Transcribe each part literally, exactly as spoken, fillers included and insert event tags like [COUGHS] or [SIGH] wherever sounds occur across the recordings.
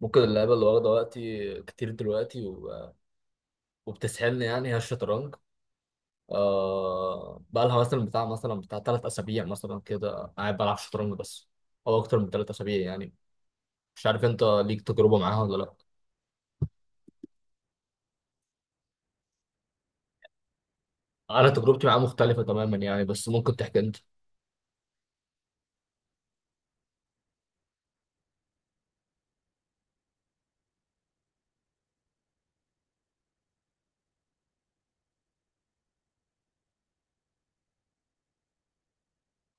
ممكن اللعبة اللي واخدة وقتي كتير دلوقتي و- وبتسحلني، يعني هي الشطرنج. آه بقى لها، مثلا بتاع مثلا بتاع تلات أسابيع مثلا كده قاعد بلعب شطرنج بس. أو أكتر من تلات أسابيع يعني. مش عارف أنت ليك تجربة معاها ولا لأ؟ أنا تجربتي معاها مختلفة تماما يعني، بس ممكن تحكي أنت.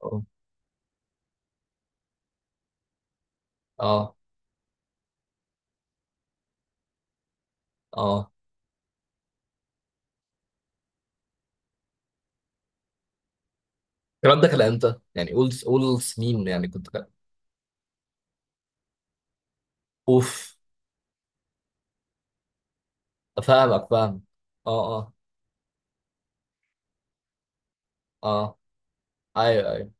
أه. أه. آه. الكلام ده كان إمتى؟ يعني قول قول سنين يعني كنت كده. أوف. أفهمك، فاهم. أه، أه. أه، أيوه، أيوه.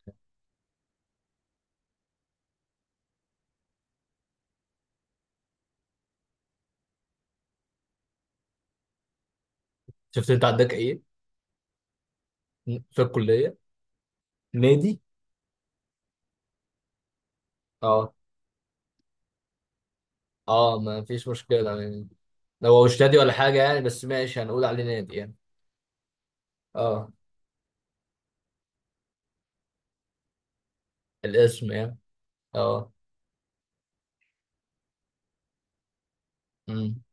شفت أنت عندك إيه؟ في الكلية. نادي. اه، اه، ما فيش مشكلة يعني. لو هو استادي ولا حاجة يعني، بس ماشي هنقول عليه نادي يعني. اه، الاسم يعني. اه. امم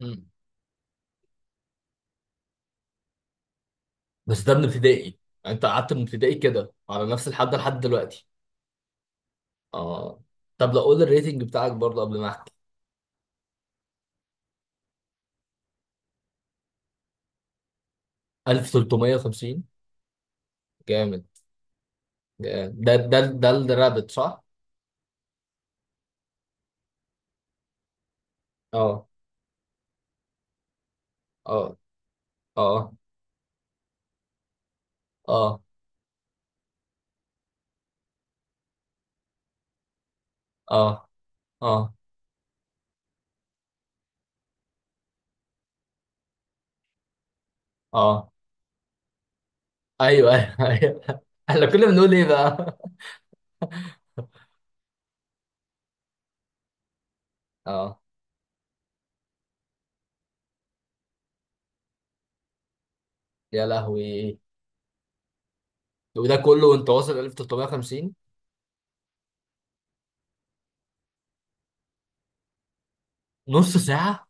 امم بس. ده من ابتدائي. يعني انت قعدت من ابتدائي كده على نفس الحد لحد دلوقتي؟ اه. طب لو قول الريتنج بتاعك برضه قبل ما احكي. ألف ثلاثمئة وخمسين. جامد. جامد. ده ده ده الرابط صح؟ اه، اه، اه، اه، اه، اه، اه. ايوه، ايوه، ايوه. [LAUGHS] احنا كنا بنقول ايه بقى؟ [LAUGHS] اه. يا لهوي. وده كله وانت واصل ألف وتلتمية وخمسين؟ نص ساعة.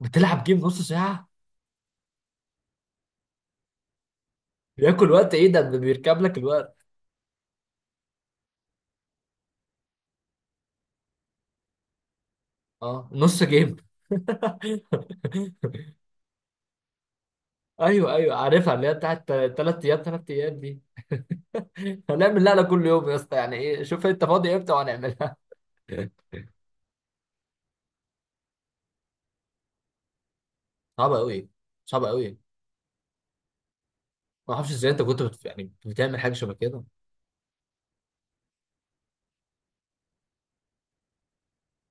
بتلعب جيم نص ساعة؟ بياكل وقت ايه؟ ده ده بيركب لك الوقت. اه، نص جيم. [LAUGHS] ايوه، ايوه، عارفها اللي هي بتاعت. تلات ايام، تلات ايام دي. [LAUGHS] هنعمل لقلة كل يوم يا اسطى، يعني ايه شوف انت فاضي امتى وهنعملها. [LAUGHS] صعبة قوي. صعبة قوي. ما اعرفش ازاي انت كنت بت... يعني بتعمل حاجة شبه كده.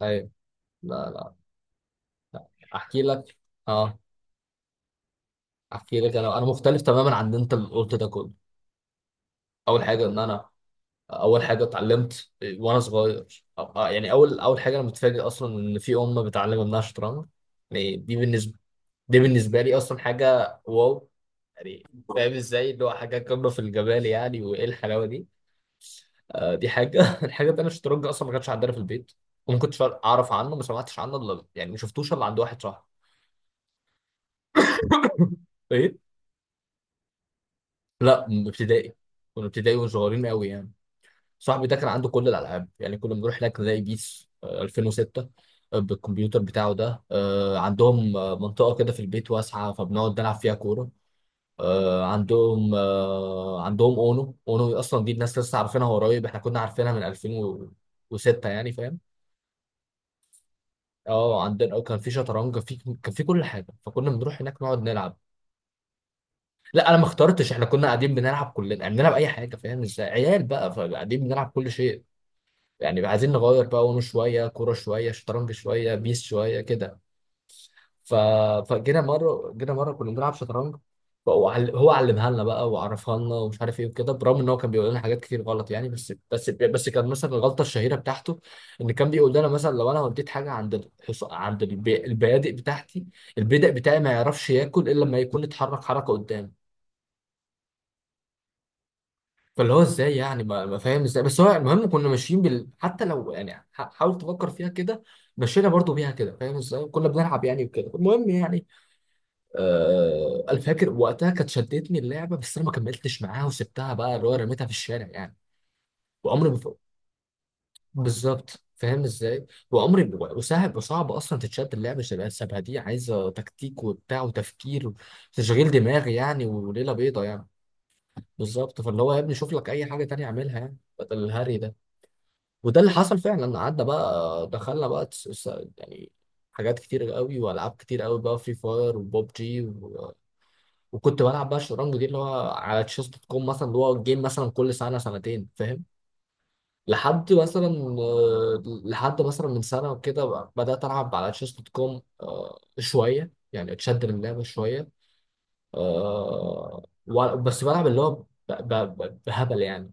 ايوه. لا، لا. احكي لك. اه. احكي لك، انا انا مختلف تماما عن اللي انت اللي قلت ده كله. اول حاجة ان انا. اول حاجه اتعلمت وانا صغير. أ- أ- يعني اول اول حاجه، انا متفاجئ اصلا ان في امه بتعلم ابنها شطرنج. يعني دي بالنسبه. دي بالنسبه لي اصلا حاجه واو. يعني. فاهم ازاي، اللي هو حاجه قمه في الجمال يعني، وايه الحلاوه دي. آه، دي حاجه. [LAUGHS] الحاجه التانيه، الشطرنج اصلا ما كانش عندنا في البيت. وما كنتش اعرف عنه، ما سمعتش عنه الا، يعني ما شفتوش الا عند واحد صاحبي. [LAUGHS] ايه. لا، من ابتدائي. كنا ابتدائي وصغيرين قوي يعني. صاحبي ده كان عنده كل الالعاب، يعني كنا بنروح هناك نلاقي بيس آه، ألفين وستة. آه، بالكمبيوتر بتاعه ده، آه، عندهم آه، منطقه كده في البيت واسعه، فبنقعد نلعب فيها كوره. آه، عندهم آه، عندهم اونو، اونو اصلا دي الناس لسه عارفينها قريب، احنا كنا عارفينها من ألفين وستة يعني فاهم. اه، عندنا، آه، كان في شطرنج في. كان في كل حاجه، فكنا بنروح هناك نقعد نلعب. لا انا ما اخترتش، احنا كنا قاعدين بنلعب كلنا يعني بنلعب اي حاجه فاهم ازاي؟ عيال بقى فقاعدين بنلعب كل شيء. يعني عايزين نغير بقى ونه، شويه كوره، شويه شطرنج، شويه بيس، شويه كده. ف... فجينا مره جينا مره كنا بنلعب شطرنج. فهو عل- هو علمها لنا بقى وعرفها لنا ومش عارف ايه وكده، برغم ان هو كان بيقول لنا حاجات كتير غلط يعني، بس بس بس كان مثلا الغلطه الشهيره بتاعته. ان كان بيقول لنا مثلا لو انا وديت حاجه عند الحص... عند الب... البيادق بتاعتي. البيدق بتاعي ما يعرفش ياكل الا لما يكون اتحرك حركه قدام. فاللي هو ازاي يعني؟ ما ما فاهم ازاي، بس هو المهم كنا ماشيين بال، حتى لو يعني ح- حاول تفكر فيها كده. مشينا برضو بيها كده، فاهم ازاي كنا بنلعب يعني وكده المهم يعني. آه انا فاكر وقتها كانت شدتني اللعبه، بس انا ما كملتش معاها وسبتها بقى اللي هو رميتها في الشارع يعني. وعمري ما ف- بالظبط فاهم ازاي، وعمري ما- وسهل وصعب اصلا تتشد اللعبه، شبه شبه دي عايزه تكتيك وبتاع وتفكير. وتشغيل دماغ يعني، وليله بيضه يعني. بالظبط، فاللي هو يا ابني شوف لك اي حاجه تانية اعملها يعني، بدل الهري ده. وده اللي حصل فعلا، قعدنا بقى دخلنا بقى تس- تس- يعني. حاجات كتير قوي والعاب كتير قوي بقى، فري فاير وبوب جي و... وكنت بلعب بقى الشطرنج دي اللي هو على تشيس دوت كوم مثلا، اللي هو جيم مثلا كل سنه سنتين فاهم. لحد مثلا. آه، لحد مثلا من سنه وكده، ب- بدات العب على تشيس دوت كوم آه، شويه، يعني اتشد من اللعبه شويه. آه، و- بس بلعب اللي هو ب- ب- ب- بهبل يعني.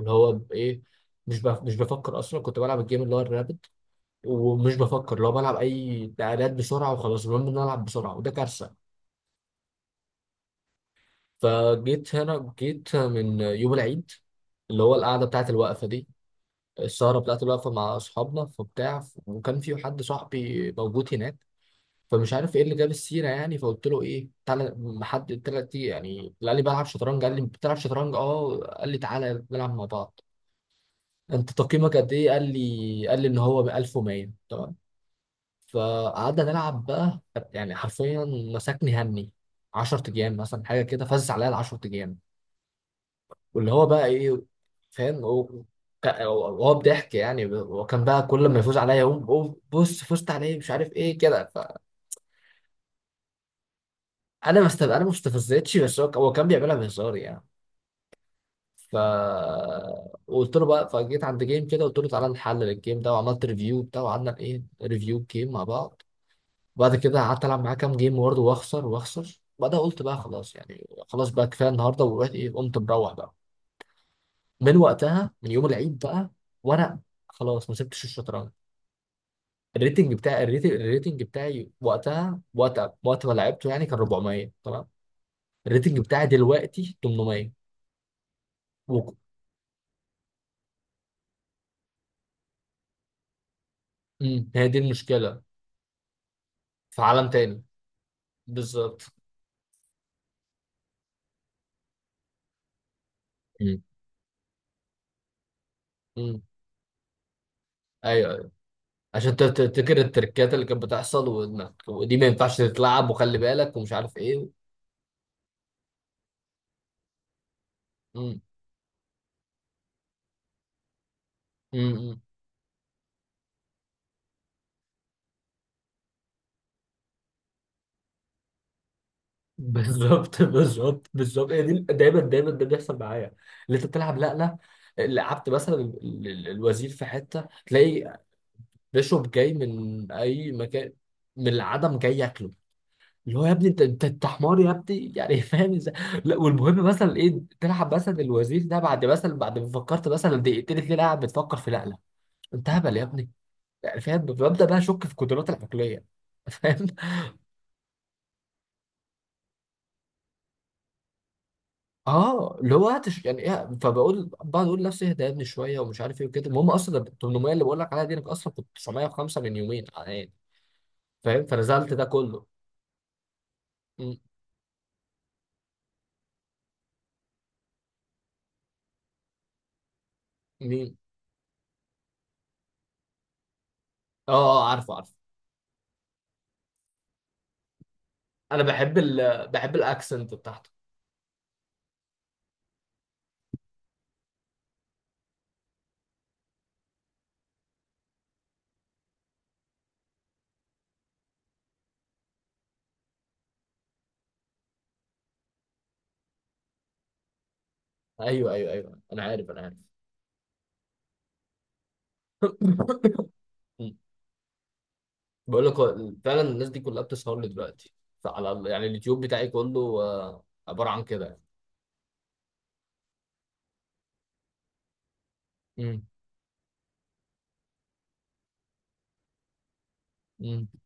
اللي هو بايه. مش بف- مش بفكر اصلا، كنت بلعب الجيم اللي هو الرابد. ومش بفكر لو بلعب اي تعادلات بسرعه وخلاص، المهم ان أنا العب بسرعه وده كارثه. فجيت هنا، جيت من يوم العيد. اللي هو القعده بتاعت الوقفه دي. السهره بتاعت الوقفه مع اصحابنا فبتاع، وكان في حد صاحبي موجود هناك. فمش عارف ايه اللي جاب السيره يعني، فقلت له ايه تعالى. حد تلاتي يعني، قال لي بلعب شطرنج، قال لي بتلعب شطرنج اه، قال لي تعالى نلعب مع بعض. انت تقييمك قد ايه؟ قال لي، قال لي ان هو ألف ومية، تمام. فقعدنا نلعب بقى. يعني حرفيا. مسكني همي. عشرة ايام مثلا حاجه كده، فزع عليا ال عشرة ايام. واللي هو بقى ايه؟ فاهم هو. هو بضحك يعني، وكان بقى كل ما يفوز عليا يقوم يقوم بص فزت عليه، مش عارف ايه كده. فانا ما است- انا ما استفزتش، بس هو هو كان بيعملها بهزار يعني. ف قلت له بقى، فجيت عند جيم كده قلت له تعالى نحلل الجيم ده، وعملت ريفيو بتاعه، وقعدنا ايه ريفيو الجيم مع بعض. وبعد كده قعدت العب معاه كام جيم برضه واخسر واخسر، وبعدها قلت بقى خلاص يعني، خلاص بقى كفايه النهارده، ورحت ايه قمت مروح بقى. من وقتها من يوم العيد بقى. وانا. خلاص ما سبتش الشطرنج. الريتنج بتاعي الريتنج, الريتنج بتاعي وقتها وقت وقت ما لعبته يعني كان اربعمية، تمام. الريتنج بتاعي دلوقتي تمنمية. و... مم. هي دي المشكله. في عالم تاني. بالظبط. مم. امم. ايوه، ايوه. عشان ت- تفتكر التركات اللي كانت بتحصل وانك ودي ما ينفعش تتلعب وخلي بالك ومش عارف ايه. امم، امم. بالظبط، بالظبط، بالظبط، هي دي دايما، دايما ده بيحصل معايا. اللي انت بتلعب. لا، لا. لعبت مثلا ال- ال- الوزير في حته تلاقي. بيشوب جاي من اي مكان. من العدم جاي ياكله. اللي هو يا ابني انت انت انت حمار يا ابني يعني. [LAUGHS] فاهم ازاي؟ لا والمهم مثلا ايه، تلعب مثلا الوزير ده بعد مثلا، بعد ما فكرت مثلا دقيقتين اتنين قاعد بتفكر في، لا، لا. انت هبل يا ابني. يعني فاهم، ببدا بقى اشك في قدراتي العقليه. [LAUGHS] فاهم. اه اللي هو هتش يعني إيه، فبقول بقعد اقول لنفسي اهدى يا ابني شويه ومش عارف ايه وكده، المهم اصلا ال ثمانمائة اللي بقول لك عليها دي، انا اصلا كنت تسعمية وخمسة من يومين يعني. فاهم، فنزلت ده كله. م- مين؟ اه، اه، عارفه، عارفه. انا بحب ال بحب الاكسنت بتاعته. ايوه، ايوه، ايوه، انا عارف، انا عارف. [COUGHS] [LAUGHS] م. بقول لك، هو فعلا الناس دي كلها بتسهر لي دلوقتي. فعلى ال- يعني اليوتيوب بتاعي كله آه، عباره عن كده يعني. م. م.